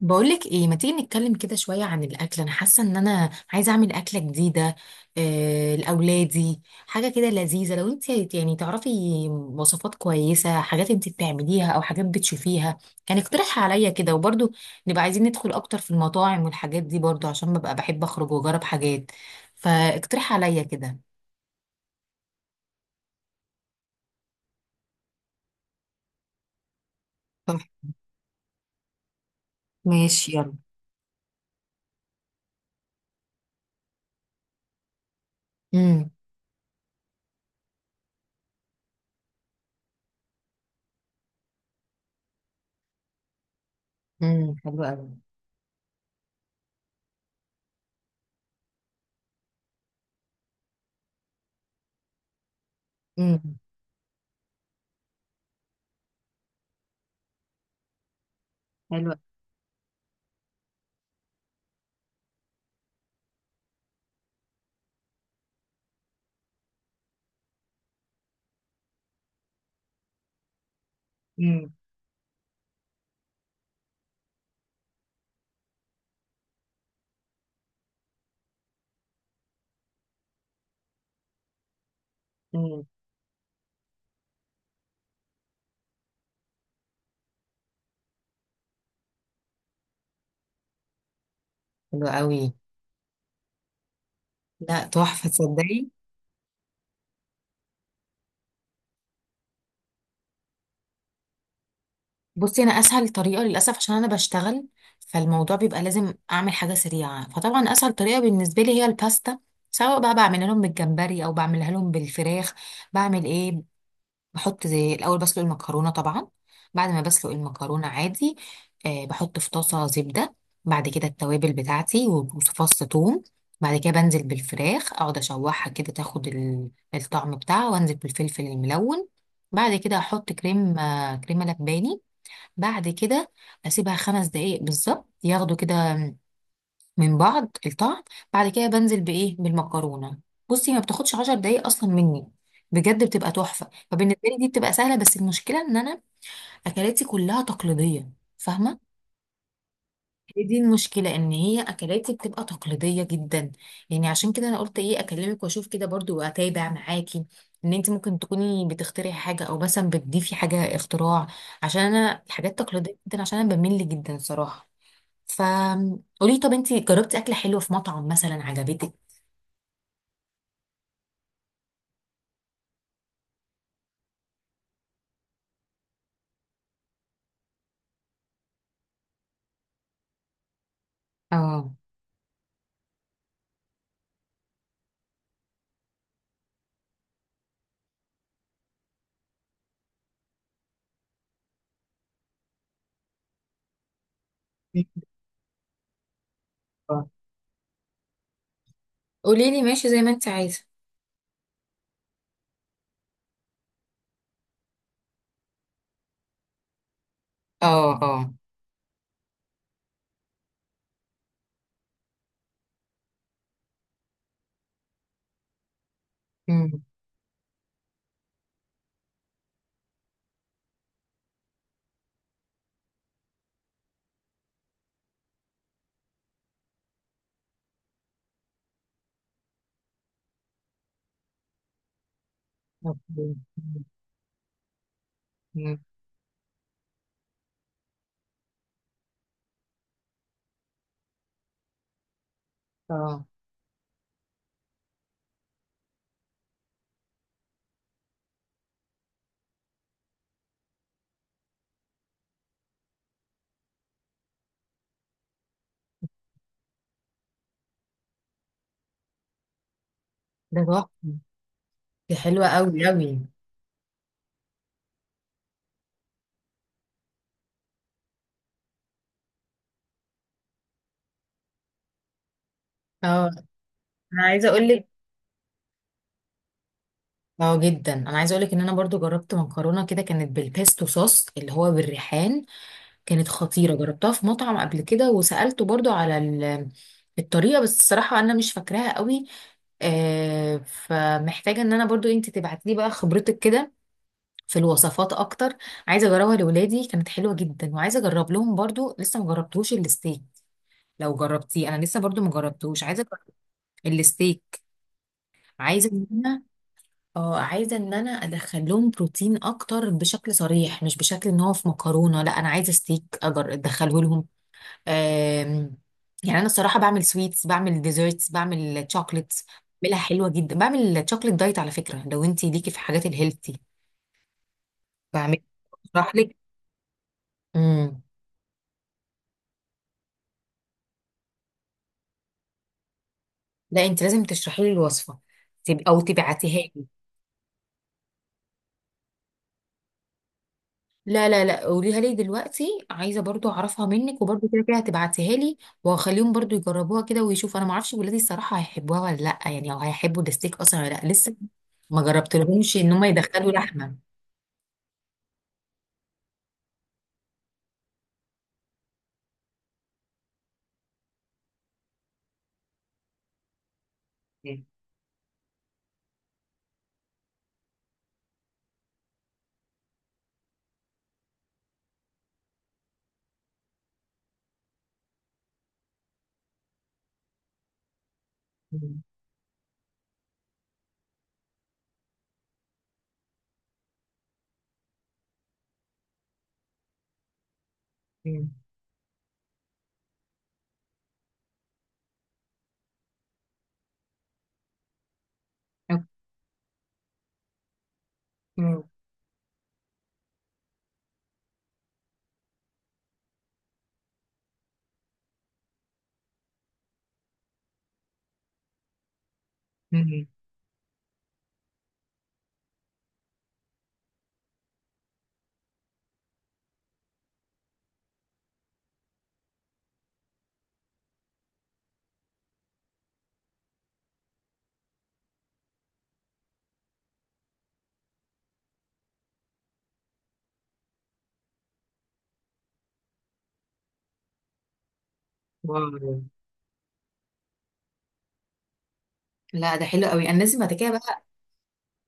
بقولك ايه، ما تيجي نتكلم كده شوية عن الأكل؟ أنا حاسة إن أنا عايزة أعمل أكلة جديدة لأولادي، حاجة كده لذيذة. لو أنت يعني تعرفي وصفات كويسة، حاجات أنت بتعمليها أو حاجات بتشوفيها، يعني اقترحها عليا كده. وبرضو نبقى عايزين ندخل أكتر في المطاعم والحاجات دي، برضو عشان ببقى بحب أخرج وأجرب حاجات. فاقترح عليا كده. صح. ماشي، يلا. امم حلوة أوي. امم حلوة. امم امم حلو قوي. لا، تحفة، تصدقي. بصي، انا اسهل طريقه للاسف عشان انا بشتغل، فالموضوع بيبقى لازم اعمل حاجه سريعه. فطبعا اسهل طريقه بالنسبه لي هي الباستا، سواء بقى بعملها لهم بالجمبري او بعملها لهم بالفراخ. بعمل ايه؟ بحط زي الاول، بسلق المكرونه طبعا. بعد ما بسلق المكرونه عادي، بحط في طاسه زبده. بعد كده التوابل بتاعتي وفص ثوم. بعد كده بنزل بالفراخ، اقعد اشوحها كده تاخد الطعم بتاعها، وانزل بالفلفل الملون. بعد كده احط كريم، كريمه لباني. بعد كده اسيبها خمس دقايق بالظبط ياخدوا كده من بعض الطعم. بعد كده بنزل بايه، بالمكرونه. بصي، ما بتاخدش عشر دقايق اصلا مني، بجد بتبقى تحفه. فبالنسبه لي دي بتبقى سهله، بس المشكله ان انا اكلاتي كلها تقليديه، فاهمه؟ هي دي المشكله، ان هي اكلاتي بتبقى تقليديه جدا. يعني عشان كده انا قلت ايه، اكلمك واشوف كده برضو واتابع معاكي، ان انت ممكن تكوني بتخترعي حاجه او مثلا بتضيفي حاجه اختراع، عشان انا الحاجات التقليديه جدا عشان انا بمل جدا صراحه. فقولي، طب انتي جربتي اكله حلوه في مطعم مثلا عجبتك؟ اه. قولي لي ماشي، زي ما انت عايزه. اه. اه. امم أوكي. أمم. اه. ده تحفه. دي حلوه قوي قوي. اه، انا عايزه اقول لك. اه جدا، انا عايزه اقولك ان انا برضو جربت مكرونه كده، كانت بالبيستو صوص اللي هو بالريحان. كانت خطيره، جربتها في مطعم قبل كده، وسالته برضو على الطريقه، بس الصراحه انا مش فاكراها قوي. فمحتاجة ان انا برضو انت تبعتي لي بقى خبرتك كده في الوصفات اكتر. عايزة اجربها لولادي، كانت حلوة جدا. وعايزة اجرب لهم برضو، لسه ما جربتوش الستيك. لو جربتيه، انا لسه برضو ما جربتوش، عايزة أجرب الستيك. عايزة ان انا اه عايزة ان انا ادخل لهم بروتين اكتر بشكل صريح، مش بشكل ان هو في مكرونة. لا، انا عايزة ستيك اجر ادخله لهم. آم، يعني انا الصراحه بعمل سويتس، بعمل ديزرتس، بعمل شوكليتس، بعملها حلوه جدا. بعمل شوكليت دايت على فكره، لو انت ليكي في حاجات الهيلثي بعمل، اشرح لك. امم لا، انت لازم تشرحي لي الوصفه، او تبعتيها لي. لا لا لا، قوليها لي دلوقتي، عايزه برضو اعرفها منك، وبرضو كده كده هتبعتيها لي. وهخليهم برضو يجربوها كده ويشوفوا. انا ما اعرفش ولادي الصراحه هيحبوها ولا لا، يعني، او هيحبوا الستيك اصلا ولا لا، لسه ما جربتلهمش ان هم يدخلوا لحمه. مم. مم. مم. مم. واو. لا، ده حلو قوي، انا لازم بعد كده بقى.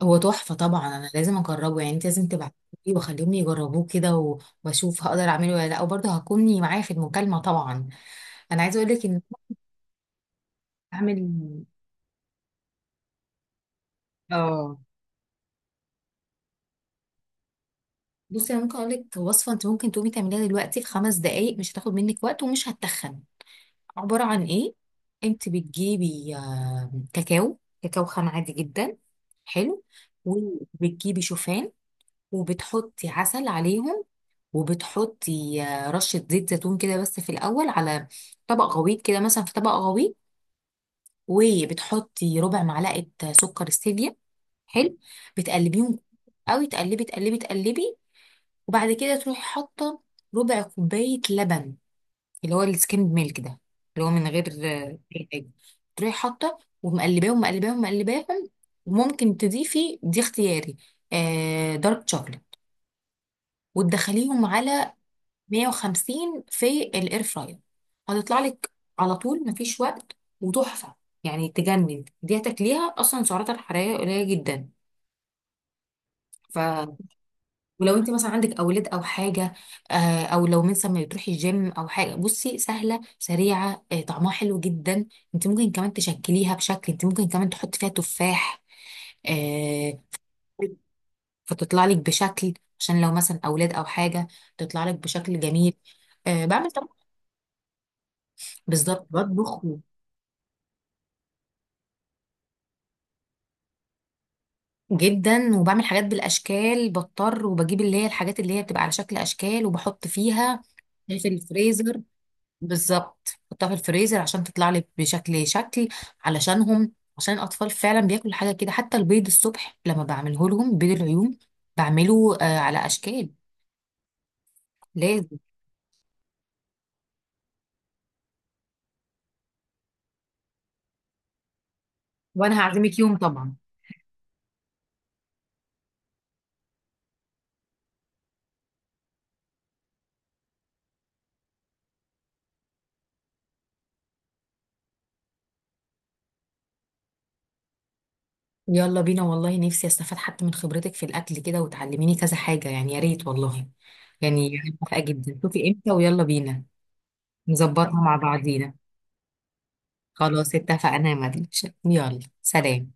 هو تحفه طبعا، انا لازم اجربه، يعني انت لازم تبعتيه، واخليهم يجربوه كده واشوف هقدر اعمله ولا لا، وبرضه هكوني معايا في المكالمه طبعا. انا عايزه اقول لك ان، اعمل، اه، بصي، انا ممكن اقول لك وصفه انت ممكن تقومي تعمليها دلوقتي في خمس دقائق، مش هتاخد منك وقت ومش هتتخن. عباره عن ايه: انت بتجيبي كاكاو، كاكاو خام عادي جدا. حلو. وبتجيبي شوفان، وبتحطي عسل عليهم، وبتحطي رشة زيت زيتون كده، بس في الأول على طبق غويط كده، مثلا في طبق غويط. وبتحطي ربع معلقة سكر ستيفيا. حلو. بتقلبيهم قوي، تقلبي تقلبي تقلبي. وبعد كده تروحي حاطة ربع كوباية لبن، اللي هو السكيمد ميلك ده، اللي هو من غير أي حاجة. تروحي حاطة، ومقلباهم مقلباهم مقلباهم. وممكن تضيفي، دي اختياري، دارك شوكليت. وتدخليهم على 150 في الاير فراير. هتطلع لك على طول، مفيش وقت، وتحفه يعني، تجنن. دي تاكليها اصلا سعراتها الحراريه قليله جدا. ف، ولو انت مثلا عندك اولاد او حاجه، او لو مثلا ما بتروحي الجيم او حاجه، بصي، سهله، سريعه، طعمها حلو جدا. انت ممكن كمان تشكليها بشكل، انت ممكن كمان تحطي فيها تفاح، آه، فتطلع لك بشكل، عشان لو مثلا اولاد او حاجه، تطلع لك بشكل جميل. بعمل طبعا، بالظبط بطبخ جدا، وبعمل حاجات بالاشكال، بضطر وبجيب اللي هي الحاجات اللي هي بتبقى على شكل اشكال، وبحط فيها في الفريزر، بالظبط بحطها في الفريزر عشان تطلع لي بشكل، شكل، علشانهم، عشان الاطفال فعلا بياكلوا حاجه كده. حتى البيض الصبح لما بعمله لهم، بيض العيون، بعمله على اشكال، لازم. وانا هعزمك يوم طبعا. يلا بينا والله، نفسي استفاد حتى من خبرتك في الاكل كده، وتعلميني كذا حاجه، يعني يا ريت والله. يعني أنا موافقه جدا، شوفي امتى ويلا بينا. نظبطها مع بعضينا. خلاص اتفقنا يا مدينة. يلا سلام.